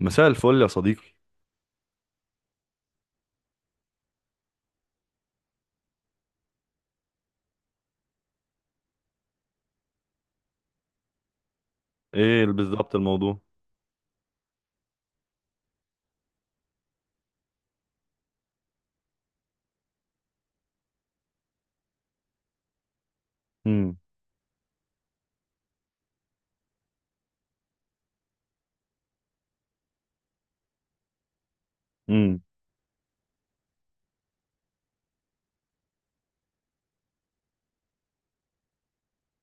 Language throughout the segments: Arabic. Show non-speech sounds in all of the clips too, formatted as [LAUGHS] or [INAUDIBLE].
مساء الفل يا صديقي. ايه بالظبط الموضوع؟ مم. مم.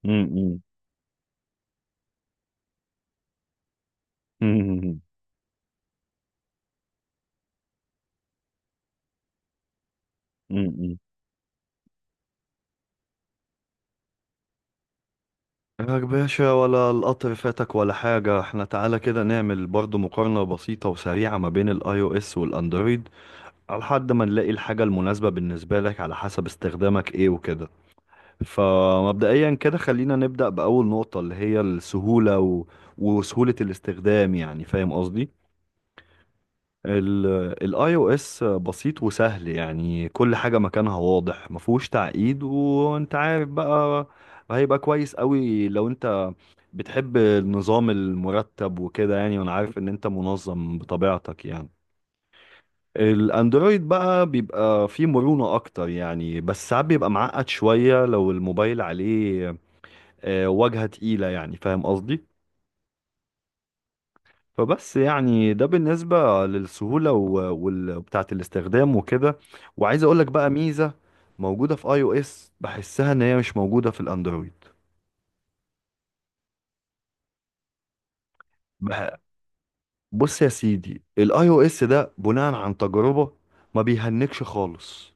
مم. مم. مم. مم. يا باشا، ولا القطر فاتك ولا حاجة. احنا تعالى كده نعمل برضو مقارنة بسيطة وسريعة ما بين الاي او اس والاندرويد، على حد ما نلاقي الحاجة المناسبة بالنسبة لك على حسب استخدامك ايه وكده. فمبدئيا كده خلينا نبدأ بأول نقطة، اللي هي السهولة وسهولة الاستخدام، يعني فاهم قصدي. الاي او اس بسيط وسهل، يعني كل حاجة مكانها واضح، مفهوش تعقيد، وانت عارف بقى. هيبقى كويس قوي لو انت بتحب النظام المرتب وكده، يعني وانا عارف ان انت منظم بطبيعتك يعني. الاندرويد بقى بيبقى فيه مرونة اكتر يعني، بس ساعات بيبقى معقد شوية لو الموبايل عليه واجهة تقيلة، يعني فاهم قصدي. فبس يعني ده بالنسبة للسهولة وبتاعة الاستخدام وكده. وعايز اقولك بقى ميزة موجودة في اي او اس بحسها ان هي مش موجودة في الاندرويد. بح- بص يا سيدي، الاي او اس ده بناء عن تجربة ما بيهنكش خالص.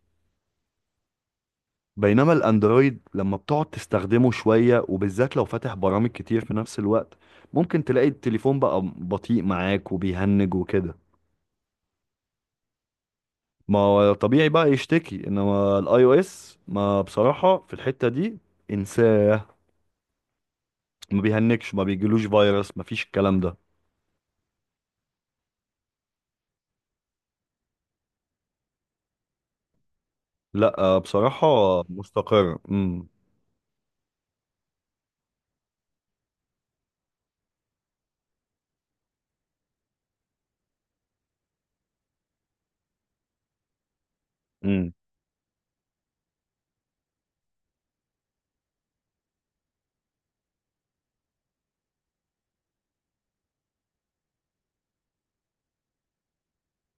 بينما الاندرويد لما بتقعد تستخدمه شوية، وبالذات لو فاتح برامج كتير في نفس الوقت، ممكن تلاقي التليفون بقى بطيء معاك وبيهنج وكده. ما هو طبيعي بقى يشتكي. انما الاي او اس ما بصراحة، في الحتة دي انساه، ما بيهنكش، ما بيجيلوش فيروس، ما فيش الكلام ده. لا بصراحة مستقر امم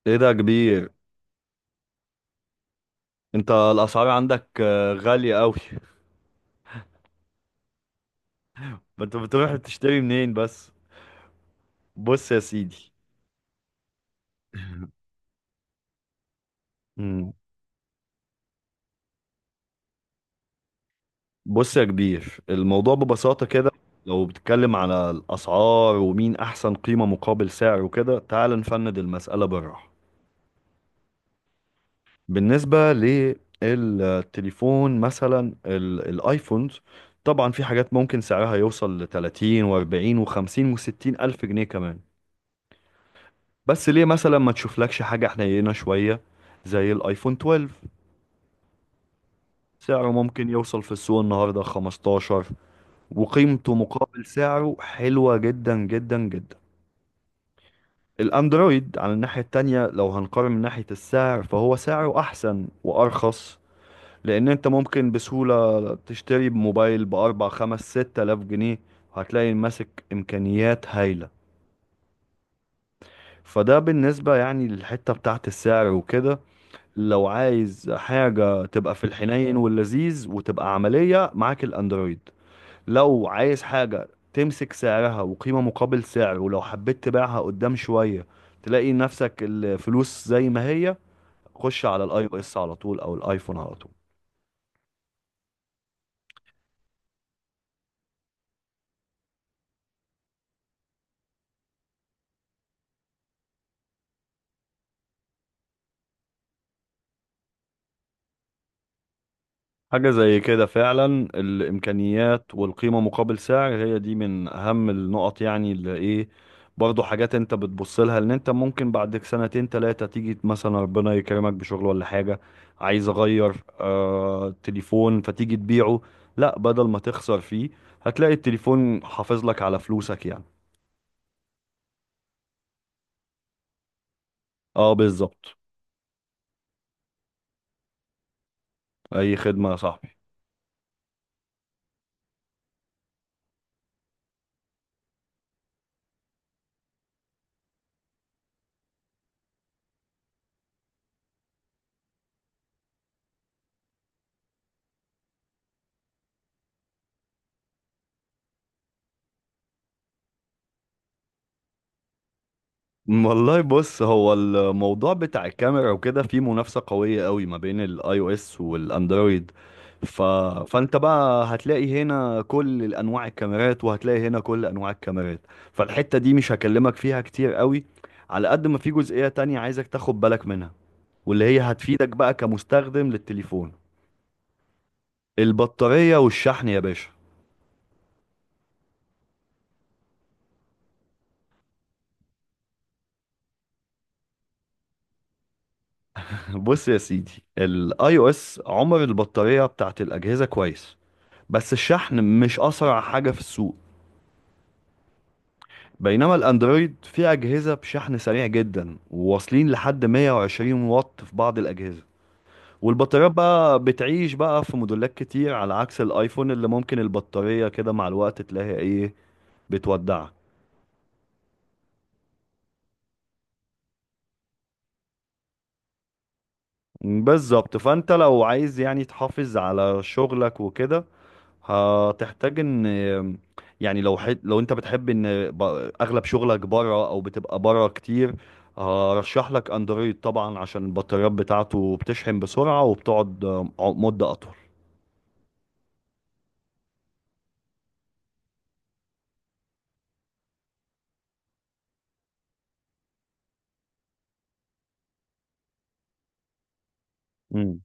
ايه ده يا كبير؟ انت الاسعار عندك غالية قوي. [LAUGHS] ما انت بتروح تشتري منين بس. بص يا سيدي امم بص يا كبير، الموضوع ببساطة كده، لو بتتكلم على الاسعار ومين احسن قيمة مقابل سعر وكده، تعال نفند المسألة بالراحة. بالنسبة للتليفون مثلا، الايفونز، طبعا في حاجات ممكن سعرها يوصل ل 30 و40 و50 و60 ألف جنيه كمان. بس ليه مثلا ما تشوفلكش حاجة حنينة شوية، زي الايفون 12، سعره ممكن يوصل في السوق النهاردة 15، وقيمته مقابل سعره حلوة جدا جدا جدا. الاندرويد على الناحية التانية، لو هنقارن من ناحية السعر، فهو سعره أحسن وأرخص، لان انت ممكن بسهولة تشتري موبايل باربع خمس ست الاف جنيه، هتلاقي ماسك امكانيات هايلة. فده بالنسبة يعني للحتة بتاعت السعر وكده. لو عايز حاجة تبقى في الحنين واللذيذ وتبقى عملية، معاك الاندرويد. لو عايز حاجة تمسك سعرها وقيمة مقابل سعر، ولو حبيت تبيعها قدام شوية تلاقي نفسك الفلوس زي ما هي، خش على الاي او اس على طول او الايفون على طول. حاجة زي كده فعلا. الإمكانيات والقيمة مقابل سعر هي دي من أهم النقط، يعني اللي إيه برضه، حاجات أنت بتبص لها إن أنت ممكن بعد سنتين تلاتة تيجي مثلا ربنا يكرمك بشغل ولا حاجة، عايز أغير تليفون، فتيجي تبيعه، لا بدل ما تخسر فيه هتلاقي التليفون حافظ لك على فلوسك يعني. اه، بالظبط. أي خدمة يا صاحبي. والله بص، هو الموضوع بتاع الكاميرا وكده فيه منافسة قوية قوي ما بين الاي او اس والاندرويد، ف... فانت بقى هتلاقي هنا كل انواع الكاميرات، وهتلاقي هنا كل انواع الكاميرات، فالحتة دي مش هكلمك فيها كتير قوي، على قد ما في جزئية تانية عايزك تاخد بالك منها، واللي هي هتفيدك بقى كمستخدم للتليفون. البطارية والشحن يا باشا. [LAUGHS] بص يا سيدي، الاي او اس عمر البطارية بتاعت الأجهزة كويس، بس الشحن مش أسرع حاجة في السوق. بينما الاندرويد فيه اجهزه بشحن سريع جدا، وواصلين لحد 120 واط في بعض الاجهزه، والبطاريات بقى بتعيش بقى في موديلات كتير، على عكس الايفون اللي ممكن البطاريه كده مع الوقت تلاقي ايه بتودعك. بالظبط، فانت لو عايز يعني تحافظ على شغلك وكده هتحتاج ان يعني، لو لو انت بتحب ان اغلب شغلك بره او بتبقى بره كتير، هرشح لك اندرويد طبعا، عشان البطاريات بتاعته بتشحن بسرعة وبتقعد مدة اطول امم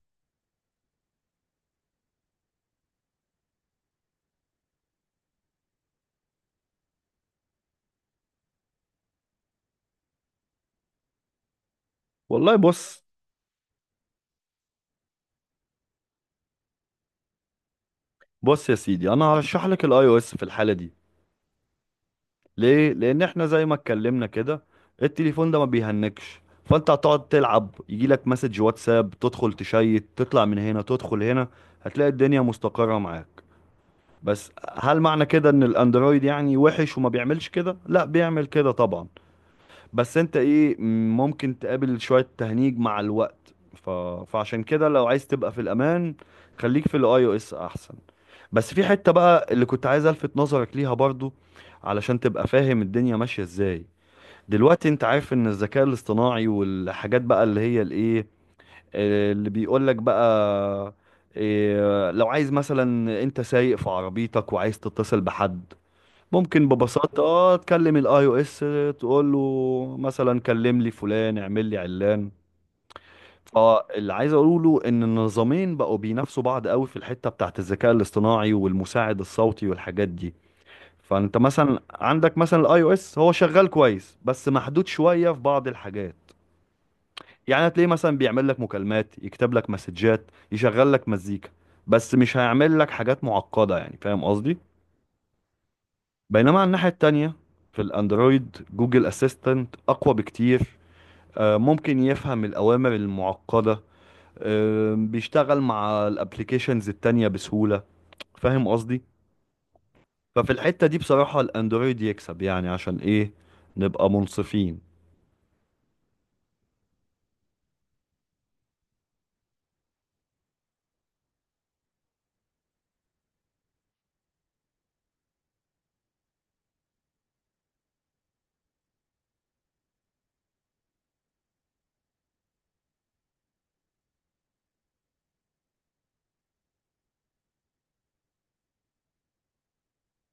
والله بص. بص يا سيدي، انا هرشح لك الاي او اس في الحالة دي. ليه؟ لان احنا زي ما اتكلمنا كده التليفون ده ما بيهنكش، فانت هتقعد تلعب يجي لك مسج واتساب تدخل تشيت تطلع من هنا تدخل هنا، هتلاقي الدنيا مستقرة معاك. بس هل معنى كده ان الاندرويد يعني وحش وما بيعملش كده؟ لا، بيعمل كده طبعا. بس انت ايه، ممكن تقابل شوية تهنيج مع الوقت، فعشان كده لو عايز تبقى في الامان، خليك في الاي او اس احسن. بس في حتة بقى اللي كنت عايز الفت نظرك ليها برضو، علشان تبقى فاهم الدنيا ماشية ازاي. دلوقتي انت عارف ان الذكاء الاصطناعي والحاجات بقى اللي هي الايه اللي بيقول لك بقى، لو عايز مثلا انت سايق في عربيتك وعايز تتصل بحد، ممكن ببساطة تكلم الاي او اس، تقول له مثلا كلم لي فلان اعمل لي علان. فاللي عايز اقوله ان النظامين بقوا بينافسوا بعض قوي في الحتة بتاعت الذكاء الاصطناعي والمساعد الصوتي والحاجات دي. فانت مثلا عندك مثلا الاي او اس هو شغال كويس بس محدود شوية في بعض الحاجات، يعني هتلاقيه مثلا بيعمل لك مكالمات، يكتب لك مسجات، يشغل لك مزيكا، بس مش هيعمل لك حاجات معقدة يعني، فاهم قصدي. بينما على الناحية التانية في الاندرويد جوجل اسيستنت اقوى بكتير، ممكن يفهم الأوامر المعقدة، بيشتغل مع الابليكيشنز التانية بسهولة، فاهم قصدي. ففي الحتة دي بصراحة الاندرويد يكسب، يعني عشان ايه؟ نبقى منصفين.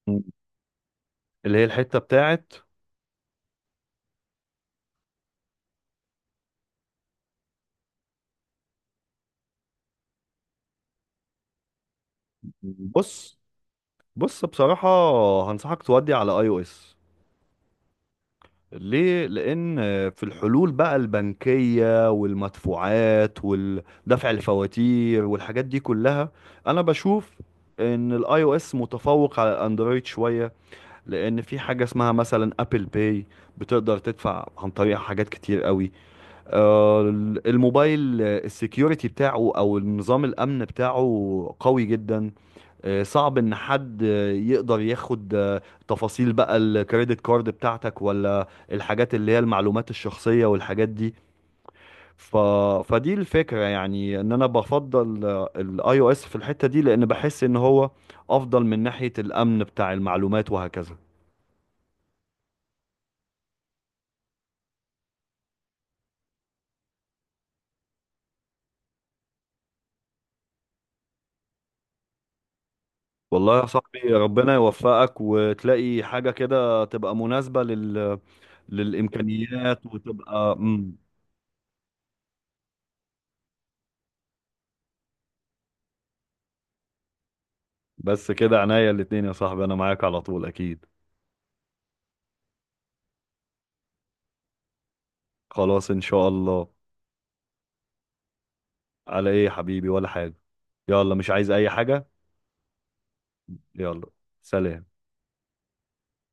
مم. اللي هي الحتة بتاعت، بص بص بصراحة هنصحك تودي على اي او اس. ليه؟ لأن في الحلول بقى البنكية والمدفوعات ودفع الفواتير والحاجات دي كلها، أنا بشوف إن الآي أو إس متفوق على الأندرويد شوية، لأن في حاجة اسمها مثلا أبل باي، بتقدر تدفع عن طريق حاجات كتير قوي. آه، الموبايل السكيورتي بتاعه أو النظام الأمن بتاعه قوي جدا، صعب ان حد يقدر ياخد تفاصيل بقى الكريدت كارد بتاعتك، ولا الحاجات اللي هي المعلومات الشخصية والحاجات دي، ف... فدي الفكرة، يعني ان انا بفضل الاي او اس في الحتة دي، لان بحس ان هو افضل من ناحية الامن بتاع المعلومات وهكذا. والله يا صاحبي ربنا يوفقك وتلاقي حاجة كده تبقى مناسبة للإمكانيات، وتبقى. بس كده عناية الاتنين يا صاحبي، أنا معاك على طول أكيد. خلاص إن شاء الله. على ايه يا حبيبي؟ ولا حاجة. يلا مش عايز اي حاجة. يلا، سلام.